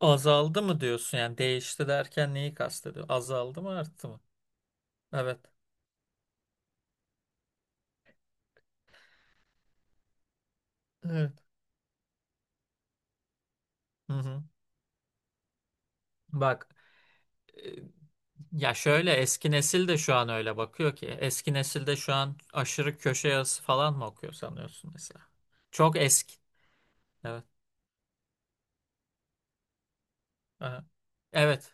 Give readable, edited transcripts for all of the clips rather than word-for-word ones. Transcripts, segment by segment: Azaldı mı diyorsun yani değişti derken neyi kastediyor? Azaldı mı, arttı mı? Evet. Evet. Hı hı. Bak, e, ya şöyle eski nesil de şu an öyle bakıyor ki. Eski nesilde şu an aşırı köşe yazısı falan mı okuyor sanıyorsun mesela? Çok eski. Evet. Aha. Evet.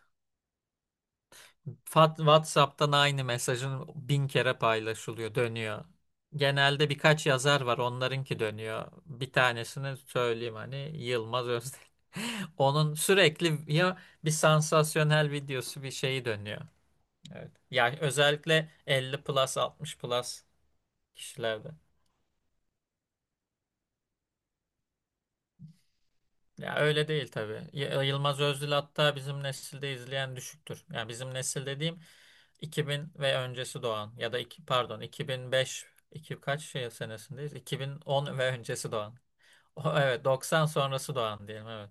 WhatsApp'tan aynı mesajın bin kere paylaşılıyor, dönüyor. Genelde birkaç yazar var, onlarınki dönüyor. Bir tanesini söyleyeyim hani Yılmaz Özdemir. Onun sürekli ya bir sansasyonel videosu bir şeyi dönüyor. Evet. Yani özellikle 50+ 60+ kişilerde. Ya öyle değil tabii. Yılmaz Özdil hatta bizim nesilde izleyen düşüktür. Yani bizim nesil dediğim 2000 ve öncesi doğan ya da pardon, 2005, iki kaç şey senesindeyiz? 2010 ve öncesi doğan. O, evet, 90 sonrası doğan diyelim, evet.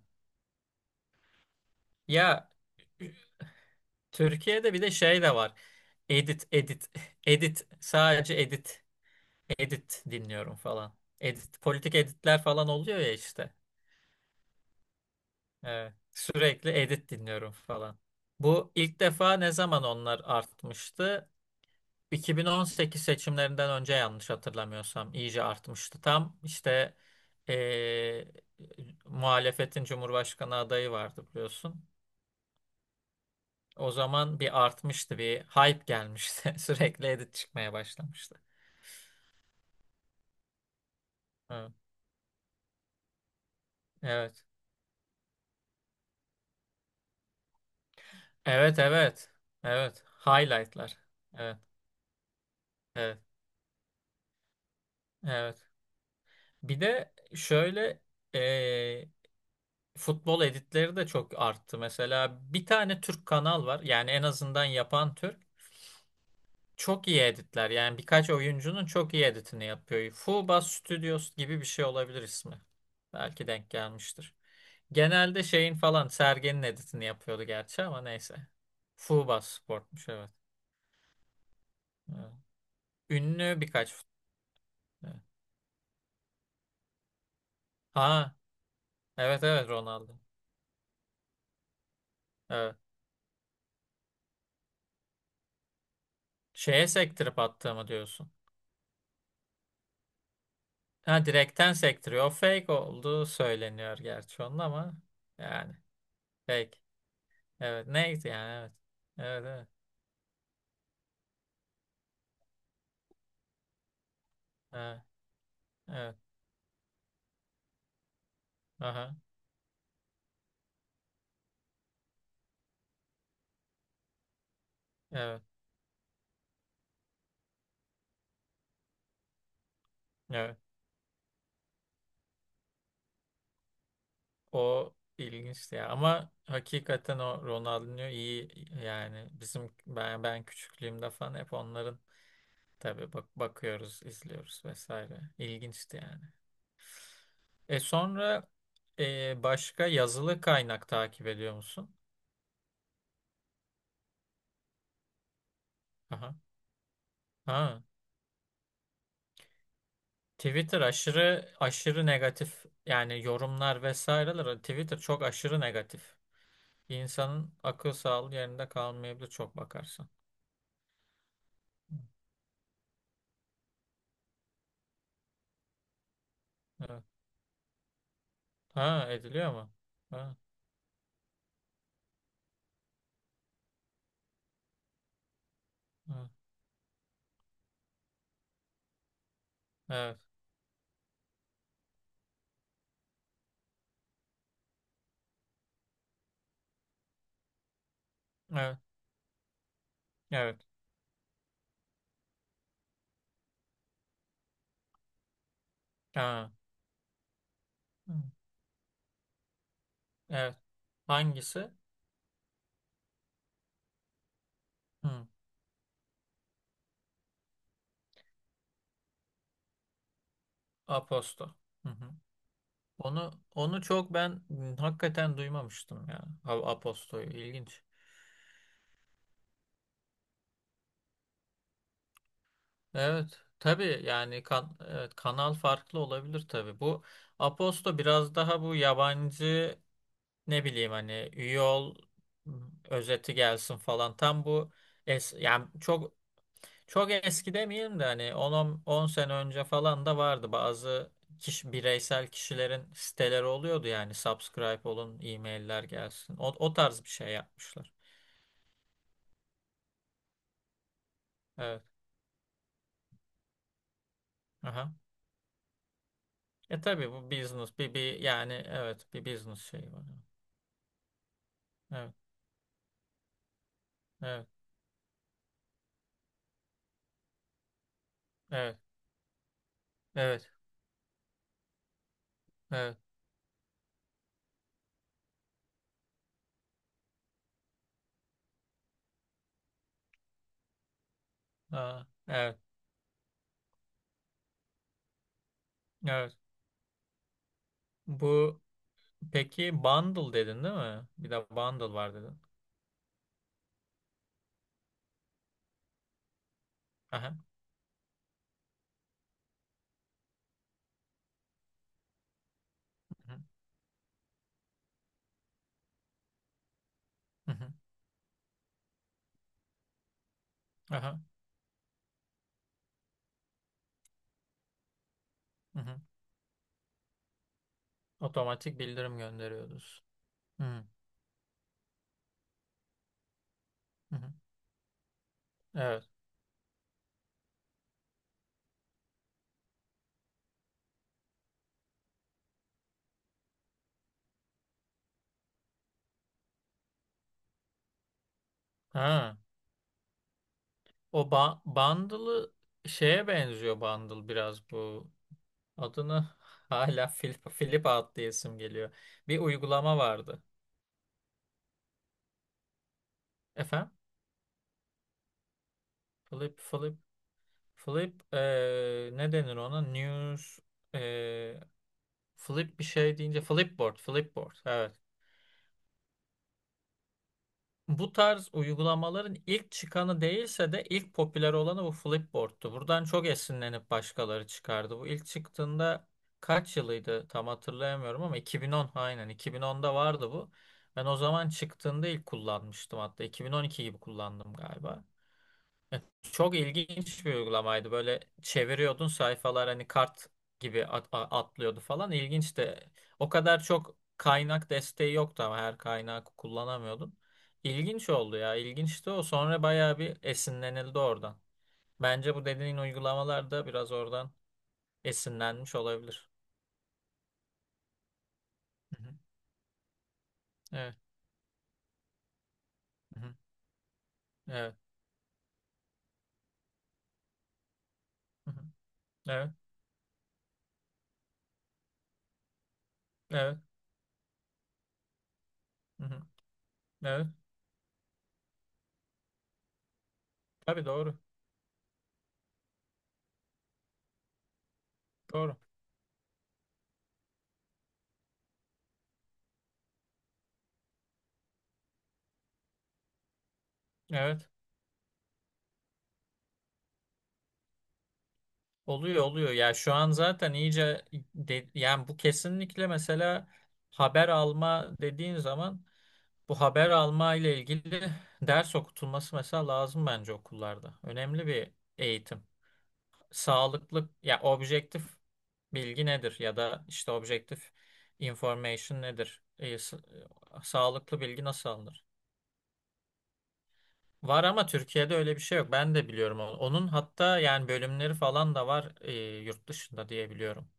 Ya Türkiye'de bir de şey de var. Edit, edit, edit, sadece edit, edit dinliyorum falan. Edit politik editler falan oluyor ya işte. Evet. Sürekli edit dinliyorum falan. Bu ilk defa ne zaman onlar artmıştı? 2018 seçimlerinden önce, yanlış hatırlamıyorsam, iyice artmıştı. Tam işte eee, muhalefetin Cumhurbaşkanı adayı vardı, biliyorsun. O zaman bir artmıştı, bir hype gelmişti. Sürekli edit çıkmaya başlamıştı. Evet. Evet. Evet, evet. Evet. Highlightlar. Evet, evet, evet. Bir de şöyle eee, futbol editleri de çok arttı. Mesela bir tane Türk kanal var. Yani en azından yapan Türk. Çok iyi editler, yani birkaç oyuncunun çok iyi editini yapıyor. Fuba Studios gibi bir şey olabilir ismi. Belki denk gelmiştir. Genelde şeyin falan, Sergen'in editini yapıyordu gerçi, ama neyse. Fuba Sport'muş, evet. Evet. Ünlü birkaç evet. Ha, evet evet, Ronaldo. Evet. Şeye sektirip attığımı diyorsun. Ha, direkten sektiriyor. O fake olduğu söyleniyor gerçi onun ama yani fake. Evet, neydi yani, evet. Evet, evet. Evet. Evet. Aha. Evet, evet. O ilginçti ya. Ama hakikaten o Ronaldinho iyi, yani bizim ben küçüklüğümde falan hep onların, tabii bak, bakıyoruz, izliyoruz vesaire. İlginçti yani. E sonra, başka yazılı kaynak takip ediyor musun? Aha. Ha. Twitter aşırı aşırı negatif, yani yorumlar vesaireler. Twitter çok aşırı negatif. İnsanın akıl sağlığı yerinde kalmayabilir çok bakarsan. Evet. Ha, ediliyor mu? Ha, ha. Evet. Evet. Evet. Ha. Hı. Evet. Hangisi? Hı. Aposto. Hı hı. Onu çok ben, hakikaten duymamıştım ya. Aposto'yu ilginç. Evet. Tabii yani evet, kanal farklı olabilir tabii. Bu Aposto biraz daha bu yabancı, ne bileyim, hani üye ol, hı, özeti gelsin falan. Tam bu yani Çok eski demeyeyim de hani 10 sene önce falan da vardı bazı bireysel kişilerin siteleri oluyordu, yani subscribe olun, e-mailler gelsin. O, o tarz bir şey yapmışlar. Evet. Aha. E tabii bu business bir yani, evet, bir business şeyi var. Evet. Evet. Evet. Evet. Evet. Aa, evet. Evet. Bu peki bundle dedin, değil mi? Bir de bundle var dedin. Aha. Hı hı. Hı hı. Aha. Hı hı. Otomatik bildirim gönderiyoruz. Hı hı. Evet. Ha. O bundle'ı şeye benziyor bundle biraz bu. Adını hala Flip, Flip Out diye isim geliyor. Bir uygulama vardı. Efendim? Flip, Flip, Flip ne denir ona? News eee, Flip bir şey deyince Flipboard, Flipboard. Evet. Bu tarz uygulamaların ilk çıkanı değilse de ilk popüler olanı bu Flipboard'tu. Buradan çok esinlenip başkaları çıkardı. Bu ilk çıktığında kaç yılıydı tam hatırlayamıyorum ama 2010, aynen 2010'da vardı bu. Ben o zaman çıktığında ilk kullanmıştım hatta 2012 gibi kullandım galiba. Çok ilginç bir uygulamaydı. Böyle çeviriyordun sayfalar hani kart gibi atlıyordu falan. İlginçti. O kadar çok kaynak desteği yoktu, ama her kaynağı kullanamıyordun. İlginç oldu ya. İlginçti o. Sonra bayağı bir esinlenildi oradan. Bence bu dediğin uygulamalar da biraz oradan esinlenmiş olabilir. Hı hı. Evet. Hı hı. Evet. Hı hı. Evet. Evet. Hı hı. Evet. Tabii, doğru. Doğru. Evet. Oluyor, oluyor ya, şu an zaten iyice yani bu kesinlikle mesela haber alma dediğin zaman, bu haber alma ile ilgili ders okutulması mesela lazım bence okullarda. Önemli bir eğitim. Sağlıklı ya objektif bilgi nedir ya da işte objektif information nedir? E, sağlıklı bilgi nasıl alınır? Var, ama Türkiye'de öyle bir şey yok. Ben de biliyorum onu. Onun hatta yani bölümleri falan da var, yurt dışında diye biliyorum.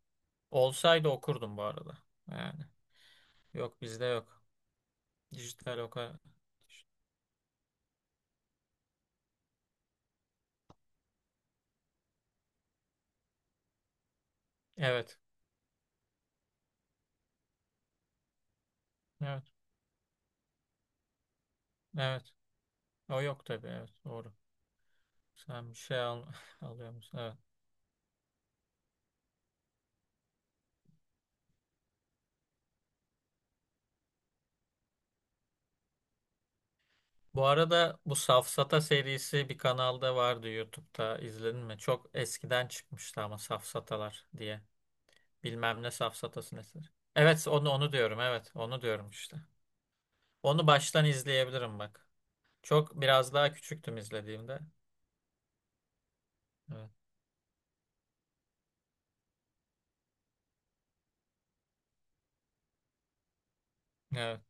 Olsaydı okurdum bu arada. Yani yok, bizde yok. Dijital o kadar. Evet. Evet. Evet. O yok tabii. Evet. Doğru. Sen bir şey al alıyor musun? Evet. Bu arada bu Safsata serisi bir kanalda vardı YouTube'da. İzledin mi? Çok eskiden çıkmıştı ama Safsatalar diye. Bilmem ne Safsatası nesi. Evet, onu onu diyorum. Evet, onu diyorum işte. Onu baştan izleyebilirim bak. Çok biraz daha küçüktüm izlediğimde. Evet. Evet.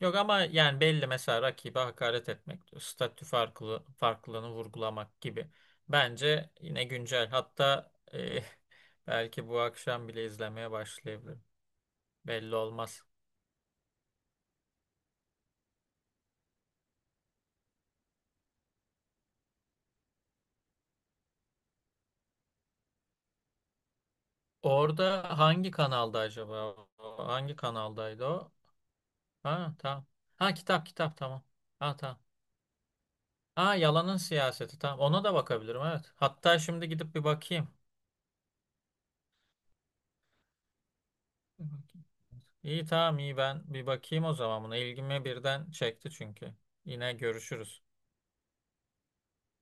Yok ama yani belli, mesela rakibe hakaret etmek, statü farklılığını vurgulamak gibi. Bence yine güncel. Hatta eh, belki bu akşam bile izlemeye başlayabilirim. Belli olmaz. Orada hangi kanalda acaba? O? Hangi kanaldaydı o? Ha, tamam. Ha, kitap kitap, tamam. Ha, tamam. Ha, yalanın siyaseti, tamam. Ona da bakabilirim, evet. Hatta şimdi gidip bir bakayım. Hı hı. İyi, tamam, iyi, ben bir bakayım o zaman buna. İlgimi birden çekti çünkü. Yine görüşürüz.